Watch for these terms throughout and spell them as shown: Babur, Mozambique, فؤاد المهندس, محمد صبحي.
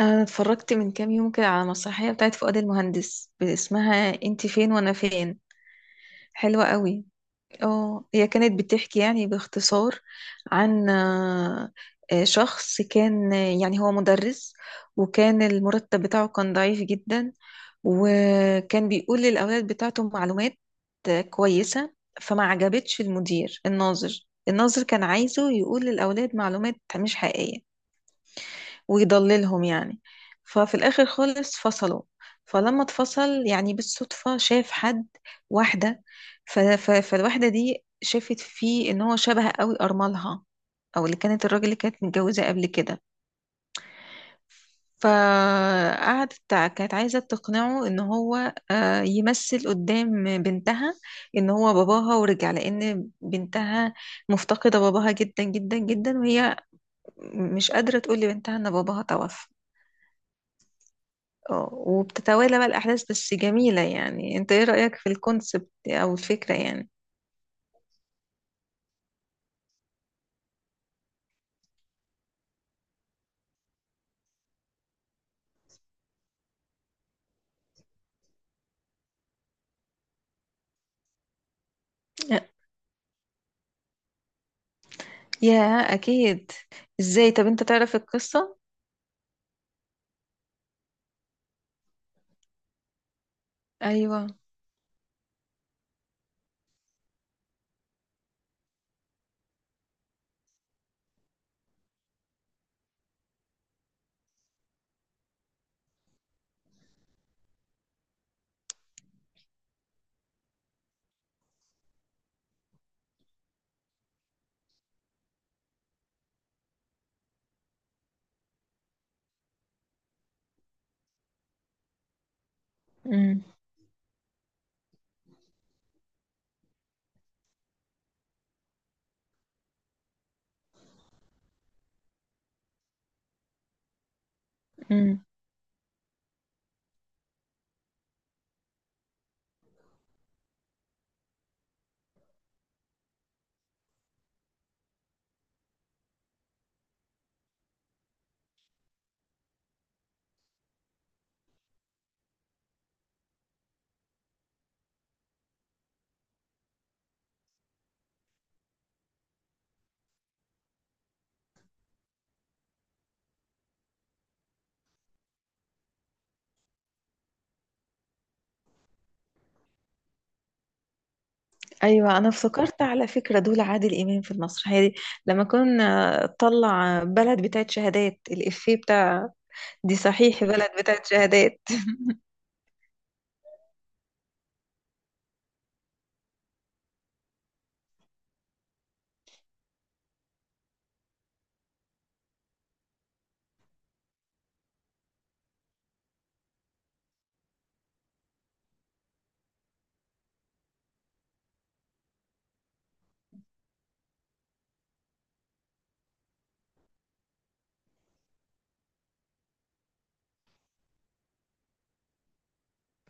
أنا اتفرجت من كام يوم كده على مسرحية بتاعت فؤاد المهندس اسمها انت فين وانا فين. حلوة قوي. اه، هي كانت بتحكي يعني باختصار عن شخص كان، يعني هو مدرس، وكان المرتب بتاعه كان ضعيف جدا، وكان بيقول للأولاد بتاعته معلومات كويسة. فما عجبتش المدير. الناظر كان عايزه يقول للأولاد معلومات مش حقيقية ويضللهم يعني. ففي الآخر خالص فصلوا. فلما اتفصل يعني بالصدفة شاف حد، واحدة. فالواحدة دي شافت فيه ان هو شبه قوي أرملها، او اللي كانت الراجل اللي كانت متجوزة قبل كده. فقعدت كانت عايزة تقنعه ان هو يمثل قدام بنتها ان هو باباها ورجع، لان بنتها مفتقدة باباها جدا جدا جدا، وهي مش قادرة تقول لبنتها ان باباها توفى. اه، وبتتوالى بقى الأحداث، بس جميلة. يعني انت ايه رأيك في الكونسبت أو الفكرة يعني؟ يا أكيد. ازاي طب انت تعرف القصة؟ أيوة. امم امم أيوة، أنا افتكرت على فكرة دول عادل إمام في المسرحية دي لما كنا طلع بلد بتاعت شهادات، الإفيه بتاع دي صحيح بلد بتاعت شهادات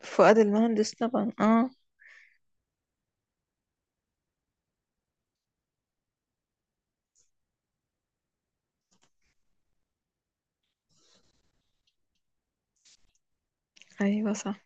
فؤاد المهندس طبعا، اه. أيوة صح.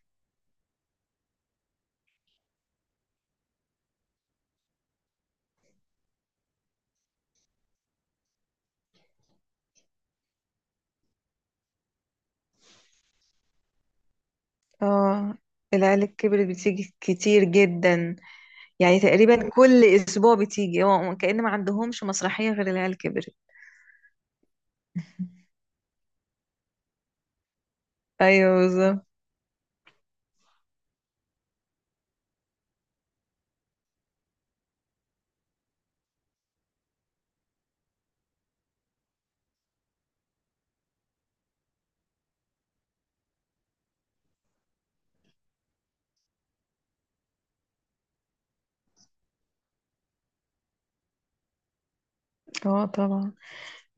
اه، العيال الكبرت بتيجي كتير جدا. يعني تقريبا كل اسبوع بتيجي، هو كأن ما عندهمش مسرحية غير العيال كبرت. ايوه بالظبط. اه طبعا.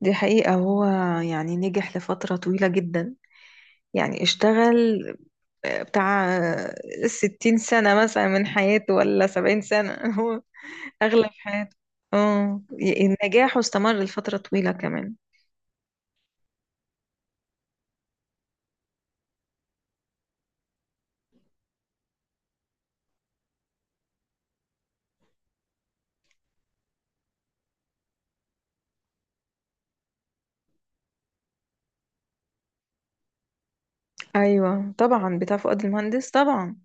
دي حقيقة. هو يعني نجح لفترة طويلة جدا، يعني اشتغل بتاع 60 سنة مثلا من حياته ولا 70 سنة هو أغلب حياته، اه، النجاح استمر لفترة طويلة كمان. ايوه طبعا بتاع فؤاد المهندس طبعا.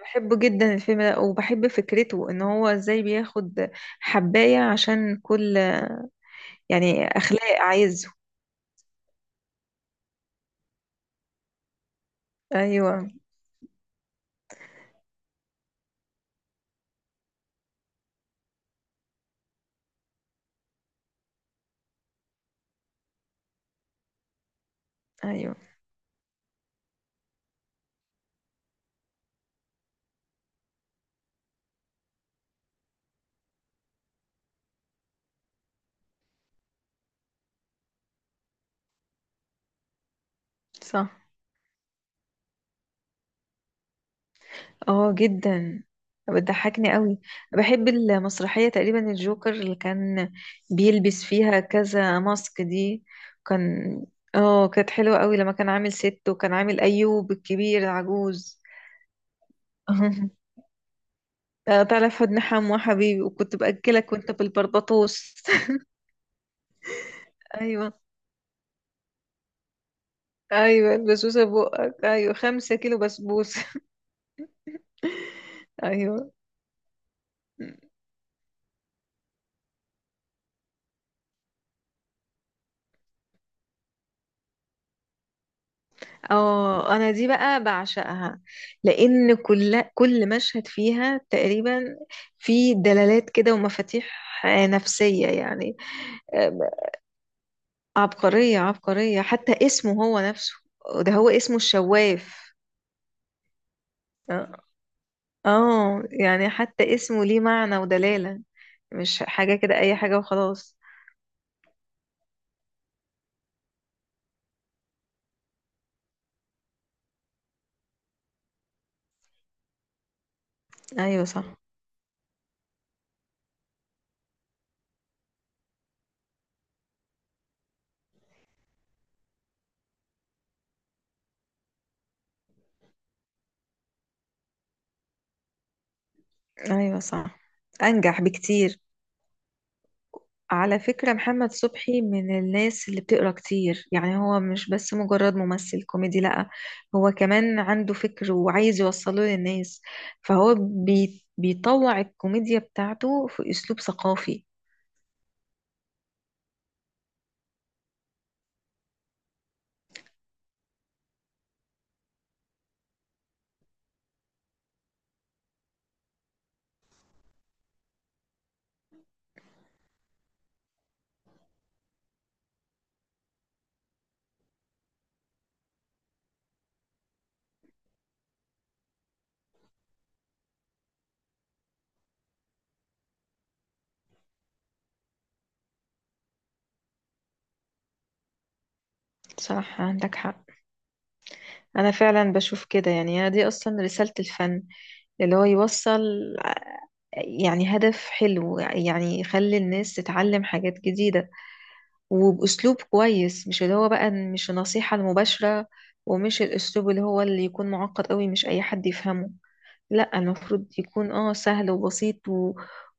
بحبه جدا الفيلم ده وبحب فكرته ان هو ازاي بياخد حباية عشان كل يعني اخلاق عايزه. ايوه. ايوه صح. اه جدا، بتضحكني قوي. بحب المسرحية تقريبا الجوكر اللي كان بيلبس فيها كذا ماسك دي. كان اه كانت حلوة قوي لما كان عامل ست وكان عامل ايوب الكبير العجوز تعرف حد نحم وحبيبي وكنت بأكلك وانت بالبربطوس ايوه. ايوه البسبوسة بقك، ايوه 5 كيلو بسبوسة ايوه. اه، انا دي بقى بعشقها لان كل مشهد فيها تقريبا في دلالات كده ومفاتيح نفسية يعني. آه، عبقرية عبقرية، حتى اسمه هو نفسه، ده هو اسمه الشواف. اه، يعني حتى اسمه ليه معنى ودلالة، مش حاجة كده اي حاجة وخلاص. ايوه صح. ايوه صح، انجح بكتير. على فكرة محمد صبحي من الناس اللي بتقرا كتير، يعني هو مش بس مجرد ممثل كوميدي، لأ، هو كمان عنده فكر وعايز يوصله للناس. فهو بيطوع الكوميديا بتاعته في أسلوب ثقافي. صح عندك حق. أنا فعلا بشوف كده، يعني أنا دي أصلا رسالة الفن، اللي هو يوصل، يعني هدف حلو يعني يخلي الناس تتعلم حاجات جديدة وبأسلوب كويس، مش اللي هو بقى مش النصيحة المباشرة، ومش الأسلوب اللي هو اللي يكون معقد قوي مش أي حد يفهمه. لا، المفروض يكون اه سهل وبسيط و...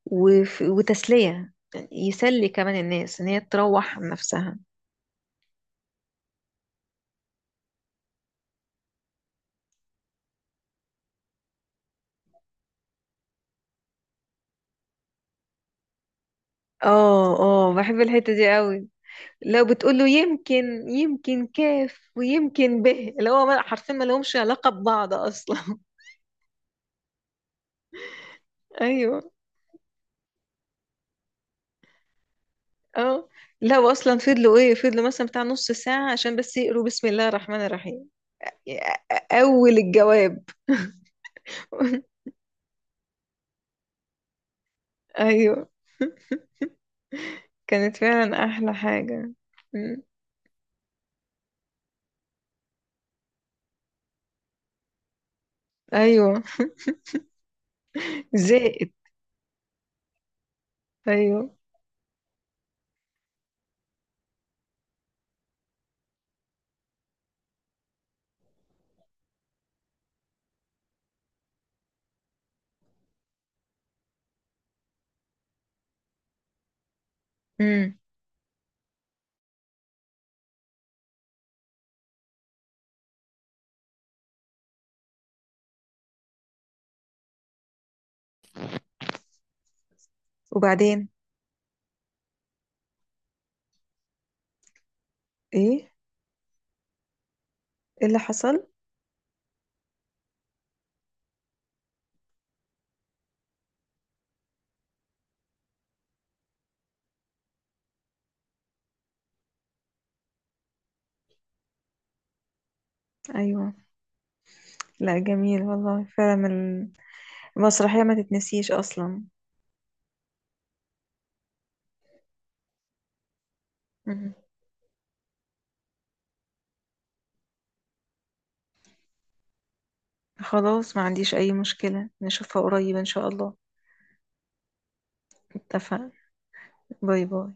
وف... وتسلية، يسلي كمان الناس إن هي تروح عن نفسها. اه اه، بحب الحتة دي قوي. لو بتقول له يمكن، يمكن كاف ويمكن به، اللي هو حرفيا ما لهمش علاقة ببعض أصلا أيوه. اه. لا، واصلا فضلوا ايه، فضلوا مثلا بتاع نص ساعة عشان بس يقروا بسم الله الرحمن الرحيم اول الجواب ايوه، كانت فعلا احلى حاجة. مم. ايوه. زائد. ايوه. مم. وبعدين؟ ايه؟ ايه اللي حصل؟ ايوه. لا جميل والله فعلا، المسرحية ما تتنسيش اصلا. مم. خلاص، ما عنديش اي مشكلة، نشوفها قريب ان شاء الله. اتفقنا. باي باي.